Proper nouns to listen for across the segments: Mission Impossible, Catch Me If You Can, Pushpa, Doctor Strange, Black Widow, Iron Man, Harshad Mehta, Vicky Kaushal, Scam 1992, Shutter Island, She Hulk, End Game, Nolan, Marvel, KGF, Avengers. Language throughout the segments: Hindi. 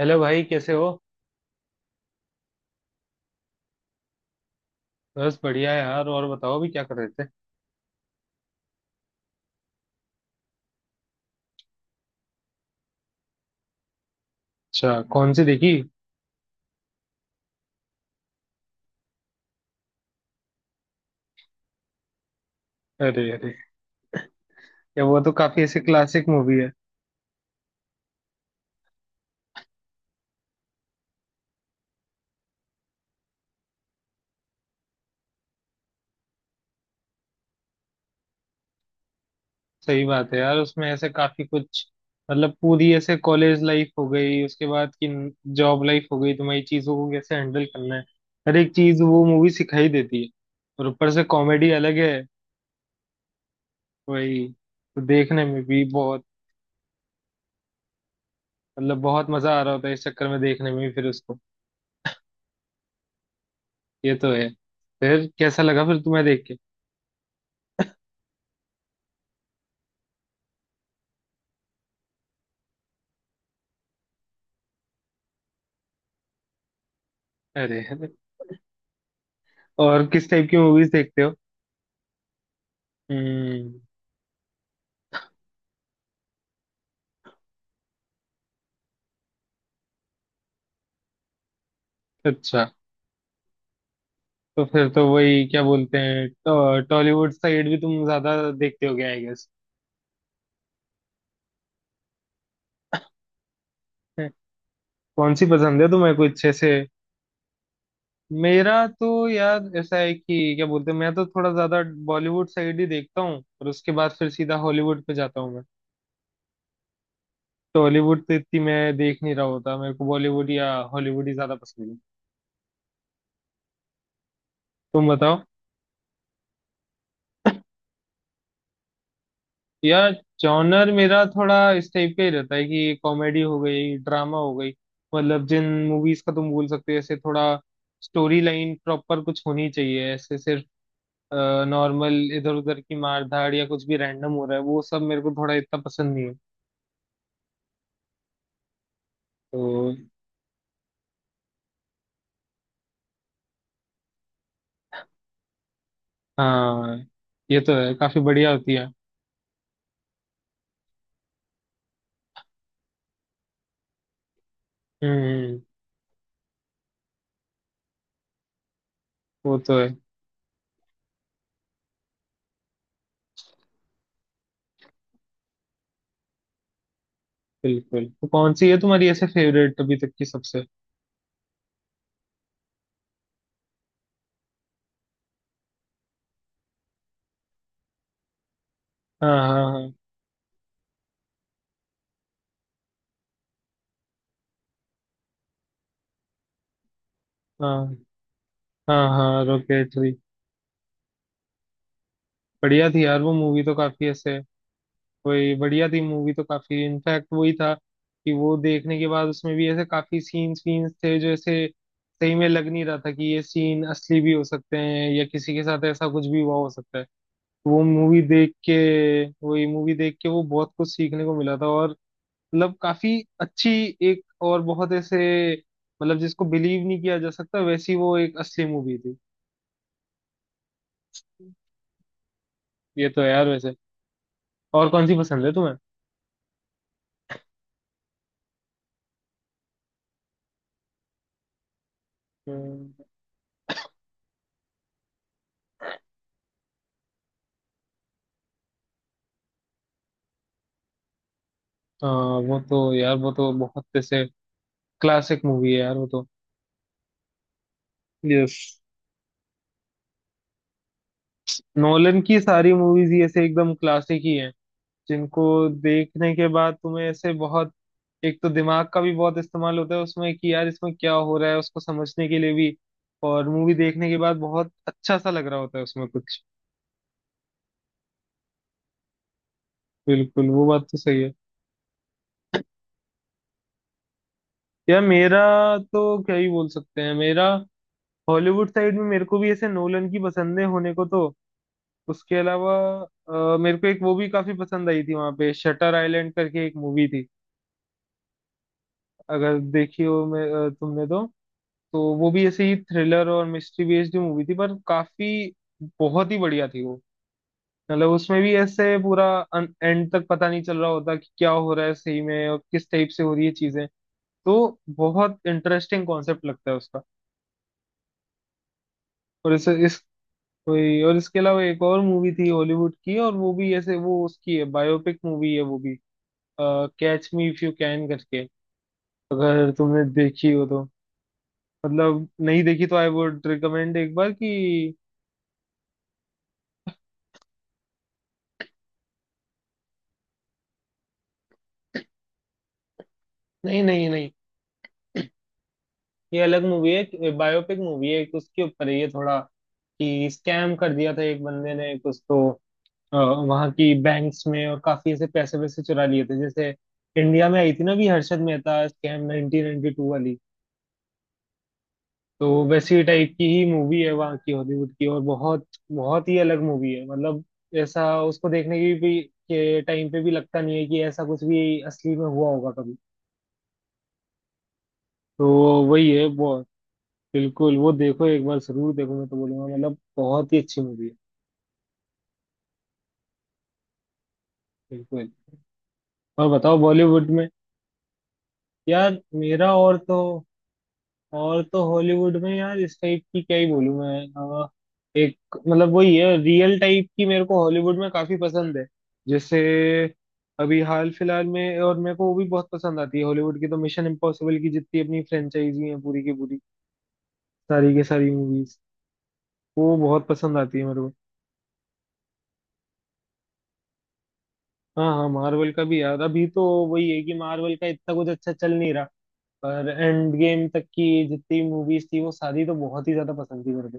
हेलो भाई, कैसे हो। बस बढ़िया है यार। और बताओ, अभी क्या कर रहे थे। अच्छा, कौन सी देखी। अरे अरे, ये वो तो काफी ऐसे क्लासिक मूवी है। सही बात है यार, उसमें ऐसे काफी कुछ, मतलब पूरी ऐसे कॉलेज लाइफ हो गई, उसके बाद की जॉब लाइफ हो गई, तुम्हारी चीजों को कैसे हैंडल करना है, हर एक चीज वो मूवी सिखाई देती है। और ऊपर से कॉमेडी अलग है। वही तो देखने में भी बहुत, मतलब बहुत मजा आ रहा होता है इस चक्कर में, देखने में भी फिर उसको। ये तो है। फिर कैसा लगा फिर तुम्हें देख के। अरे और किस टाइप की मूवीज देखते हो। हम्म। अच्छा, तो फिर तो वही, क्या बोलते हैं, टॉलीवुड साइड भी तुम ज्यादा देखते हो गया आई गेस। कौन सी पसंद है तुम्हें, कुछ अच्छे से। मेरा तो यार ऐसा है कि क्या बोलते हैं, मैं तो थोड़ा ज्यादा बॉलीवुड साइड ही देखता हूँ, और उसके बाद फिर सीधा हॉलीवुड पे जाता हूँ मैं। टॉलीवुड तो इतनी मैं देख नहीं रहा होता, मेरे को बॉलीवुड या हॉलीवुड ही ज्यादा पसंद है। तुम बताओ। यार जॉनर मेरा थोड़ा इस टाइप का ही रहता है कि कॉमेडी हो गई, ड्रामा हो गई, मतलब जिन मूवीज का तुम बोल सकते हो ऐसे, थोड़ा स्टोरी लाइन प्रॉपर कुछ होनी चाहिए। ऐसे सिर्फ नॉर्मल इधर उधर की मार धाड़ या कुछ भी रैंडम हो रहा है, वो सब मेरे को थोड़ा इतना पसंद नहीं है तो। हाँ, ये तो है, काफी बढ़िया होती है। हम्म हम्म, वो तो है। बिल्कुल, तो कौन सी है तुम्हारी ऐसे फेवरेट अभी तक की सबसे। हाँ हाँ हाँ हाँ हाँ हाँ, रॉकेट थ्री बढ़िया थी यार, वो मूवी तो काफी ऐसे कोई बढ़िया थी मूवी तो, काफी इनफैक्ट वही था कि वो देखने के बाद उसमें भी ऐसे काफी सीन्स वीन्स थे जो ऐसे सही में लग नहीं रहा था कि ये सीन असली भी हो सकते हैं, या किसी के साथ ऐसा कुछ भी हुआ हो सकता है। वो मूवी देख के, वही मूवी देख के वो बहुत कुछ सीखने को मिला था, और मतलब काफी अच्छी, एक और बहुत ऐसे, मतलब जिसको बिलीव नहीं किया जा सकता वैसी वो एक असली मूवी थी। ये तो है यार वैसे। और कौन सी पसंद है तुम्हें। हम्म। हाँ, वो तो यार वो तो बहुत ऐसे क्लासिक मूवी है यार वो तो। यस। नोलन की सारी मूवीज ही ऐसे एकदम क्लासिक ही हैं, जिनको देखने के बाद तुम्हें ऐसे बहुत, एक तो दिमाग का भी बहुत इस्तेमाल होता है उसमें कि यार इसमें क्या हो रहा है, उसको समझने के लिए भी, और मूवी देखने के बाद बहुत अच्छा सा लग रहा होता है उसमें कुछ। बिल्कुल, वो बात तो सही है। यार मेरा, तो क्या ही बोल सकते हैं, मेरा हॉलीवुड साइड में मेरे को भी ऐसे नोलन की पसंदें होने को तो। उसके अलावा मेरे को एक वो भी काफी पसंद आई थी, वहां पे शटर आइलैंड करके एक मूवी थी, अगर देखी हो मैं तुमने तो। तो वो भी ऐसे ही थ्रिलर और मिस्ट्री बेस्ड मूवी थी, पर काफी बहुत ही बढ़िया थी वो। मतलब उसमें भी ऐसे पूरा एंड तक पता नहीं चल रहा होता कि क्या हो रहा है सही में, और किस टाइप से हो रही है चीजें तो। बहुत इंटरेस्टिंग कॉन्सेप्ट लगता है उसका। और इस वही, और इसके अलावा एक और मूवी थी हॉलीवुड की, और वो भी ऐसे वो उसकी है, बायोपिक मूवी है वो भी, Catch Me If You Can करके, अगर तुमने देखी हो तो, मतलब नहीं देखी तो आई वुड रिकमेंड एक बार कि। नहीं नहीं नहीं, ये अलग मूवी है, बायोपिक मूवी है एक, उसके ऊपर है ये थोड़ा कि स्कैम कर दिया था एक बंदे ने कुछ तो, वहाँ की बैंक्स में, और काफी ऐसे पैसे वैसे चुरा लिए थे, जैसे इंडिया में आई थी ना भी हर्षद मेहता स्कैम 1992 वाली, तो वैसी टाइप की ही मूवी है वहाँ की हॉलीवुड की। और बहुत बहुत ही अलग मूवी है, मतलब ऐसा उसको देखने की भी के टाइम पे भी लगता नहीं है कि ऐसा कुछ भी असली में हुआ होगा कभी। तो वही है वो। बिल्कुल, वो देखो एक बार जरूर, देखो मैं तो बोलूंगा, मतलब बहुत ही अच्छी मूवी है। बिल्कुल। और बताओ बॉलीवुड में। यार मेरा और तो, और तो हॉलीवुड में यार इस टाइप की क्या ही बोलूं मैं। अ, एक, मतलब वही है, रियल टाइप की मेरे को हॉलीवुड में काफी पसंद है। जैसे अभी हाल फिलहाल में, और मेरे को वो भी बहुत पसंद आती है हॉलीवुड की, तो मिशन इम्पॉसिबल की जितनी अपनी फ्रेंचाइजी है पूरी की पूरी, सारी की सारी मूवीज वो बहुत पसंद आती है मेरे को। हाँ हाँ, मार्वल का भी यार अभी तो वही है कि मार्वल का इतना कुछ अच्छा चल नहीं रहा, पर एंड गेम तक की जितनी मूवीज थी वो सारी तो बहुत ही ज्यादा पसंद थी मेरे को।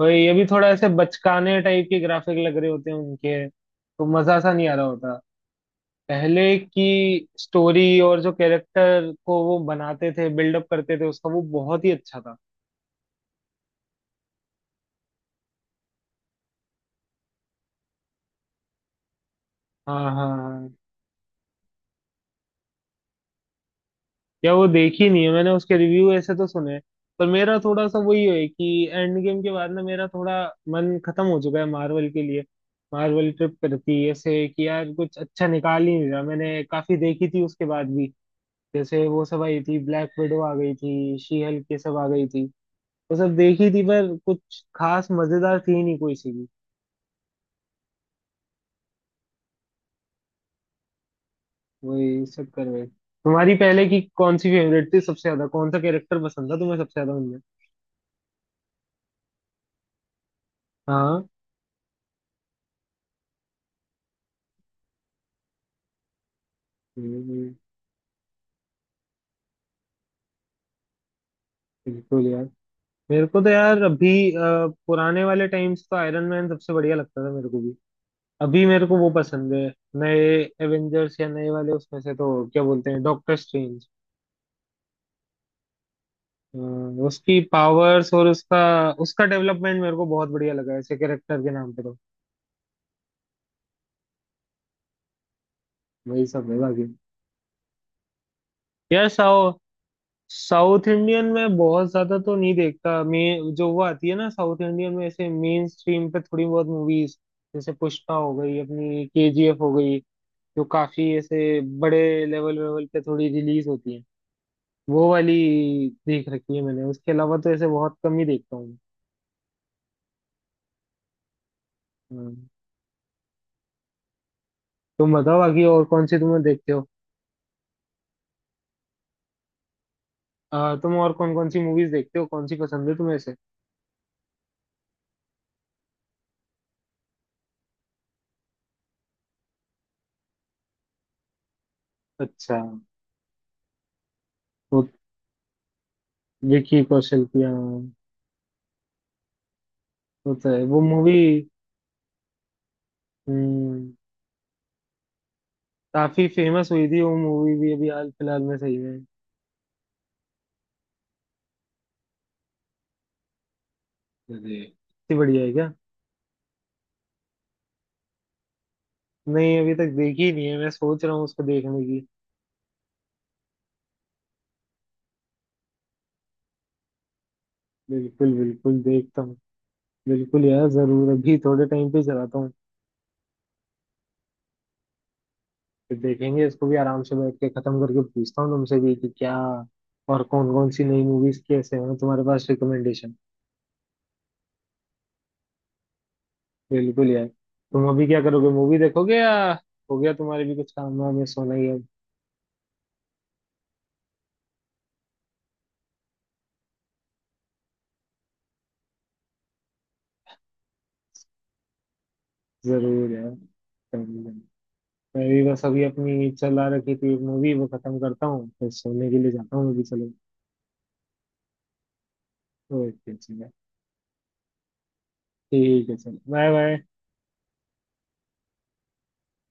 वही, ये भी थोड़ा ऐसे बचकाने टाइप के ग्राफिक लग रहे होते हैं उनके तो, मजा सा नहीं आ रहा होता। पहले की स्टोरी और जो कैरेक्टर को वो बनाते थे, बिल्डअप करते थे उसका, वो बहुत ही अच्छा था। हाँ हाँ हाँ, या वो देखी नहीं है मैंने, उसके रिव्यू ऐसे तो सुने हैं। पर मेरा थोड़ा सा वही है कि एंड गेम के बाद ना मेरा थोड़ा मन खत्म हो चुका है मार्वल के लिए। मार्वल ट्रिप करती है ऐसे कि यार कुछ अच्छा निकाल ही नहीं रहा, मैंने काफी देखी थी उसके बाद भी, जैसे वो सब आई थी ब्लैक विडो आ गई थी, शी हल्क ये सब आ गई थी, वो सब देखी थी पर कुछ खास मजेदार थी नहीं कोई सी भी। वही चक्कर में, तुम्हारी पहले की कौन सी फेवरेट थी सबसे ज्यादा, कौन सा कैरेक्टर पसंद था तुम्हें सबसे ज्यादा उनमें। हाँ। हम्म। बिल्कुल यार। मेरे को तो यार अभी अ, पुराने वाले टाइम्स तो आयरन मैन सबसे बढ़िया लगता था मेरे को भी। अभी मेरे को वो पसंद है, नए एवेंजर्स या नए वाले उसमें से तो क्या बोलते हैं, डॉक्टर स्ट्रेंज। हाँ, उसकी पावर्स और उसका, उसका डेवलपमेंट मेरे को बहुत बढ़िया लगा ऐसे कैरेक्टर के नाम पे तो। वही सब है बाकी। यार साउथ साउथ इंडियन में बहुत ज्यादा तो नहीं देखता मैं, जो वो आती है ना साउथ इंडियन में ऐसे मेन स्ट्रीम पे थोड़ी बहुत मूवीज जैसे पुष्पा हो गई, अपनी केजीएफ हो गई, जो काफी ऐसे बड़े लेवल लेवल पे थोड़ी रिलीज होती है, वो वाली देख रखी है मैंने, उसके अलावा तो ऐसे बहुत कम ही देखता हूँ। हाँ, तुम बताओ आगे और कौन सी तुम्हें देखते हो। तुम और कौन कौन सी मूवीज देखते हो, कौन सी पसंद है तुम्हें से। अच्छा, वो विकी कौशल की, हाँ। वो तो है वो मूवी, काफी फेमस हुई थी वो मूवी भी अभी हाल फिलहाल में, सही में। अरे, इतनी बढ़िया है क्या। नहीं, अभी तक देखी ही नहीं है, मैं सोच रहा हूँ उसको देखने की। बिल्कुल बिल्कुल, देखता हूँ। बिल्कुल यार जरूर, अभी थोड़े टाइम पे चलाता हूँ, फिर देखेंगे इसको भी आराम से बैठ के खत्म करके, पूछता हूँ तुमसे भी कि क्या और कौन कौन सी नई मूवीज कैसे हैं तुम्हारे पास रिकमेंडेशन। बिल्कुल यार, तुम अभी क्या करोगे, मूवी देखोगे, या हो गया तुम्हारे भी कुछ काम वाम है, सोना ही है। जरूर यार। जरूर। यार। मैं भी बस अभी अपनी चला रखी थी मूवी, वो खत्म करता हूँ फिर सोने के लिए जाता हूँ अभी, चलो। ओके चलो, ठीक है चलो, बाय बाय।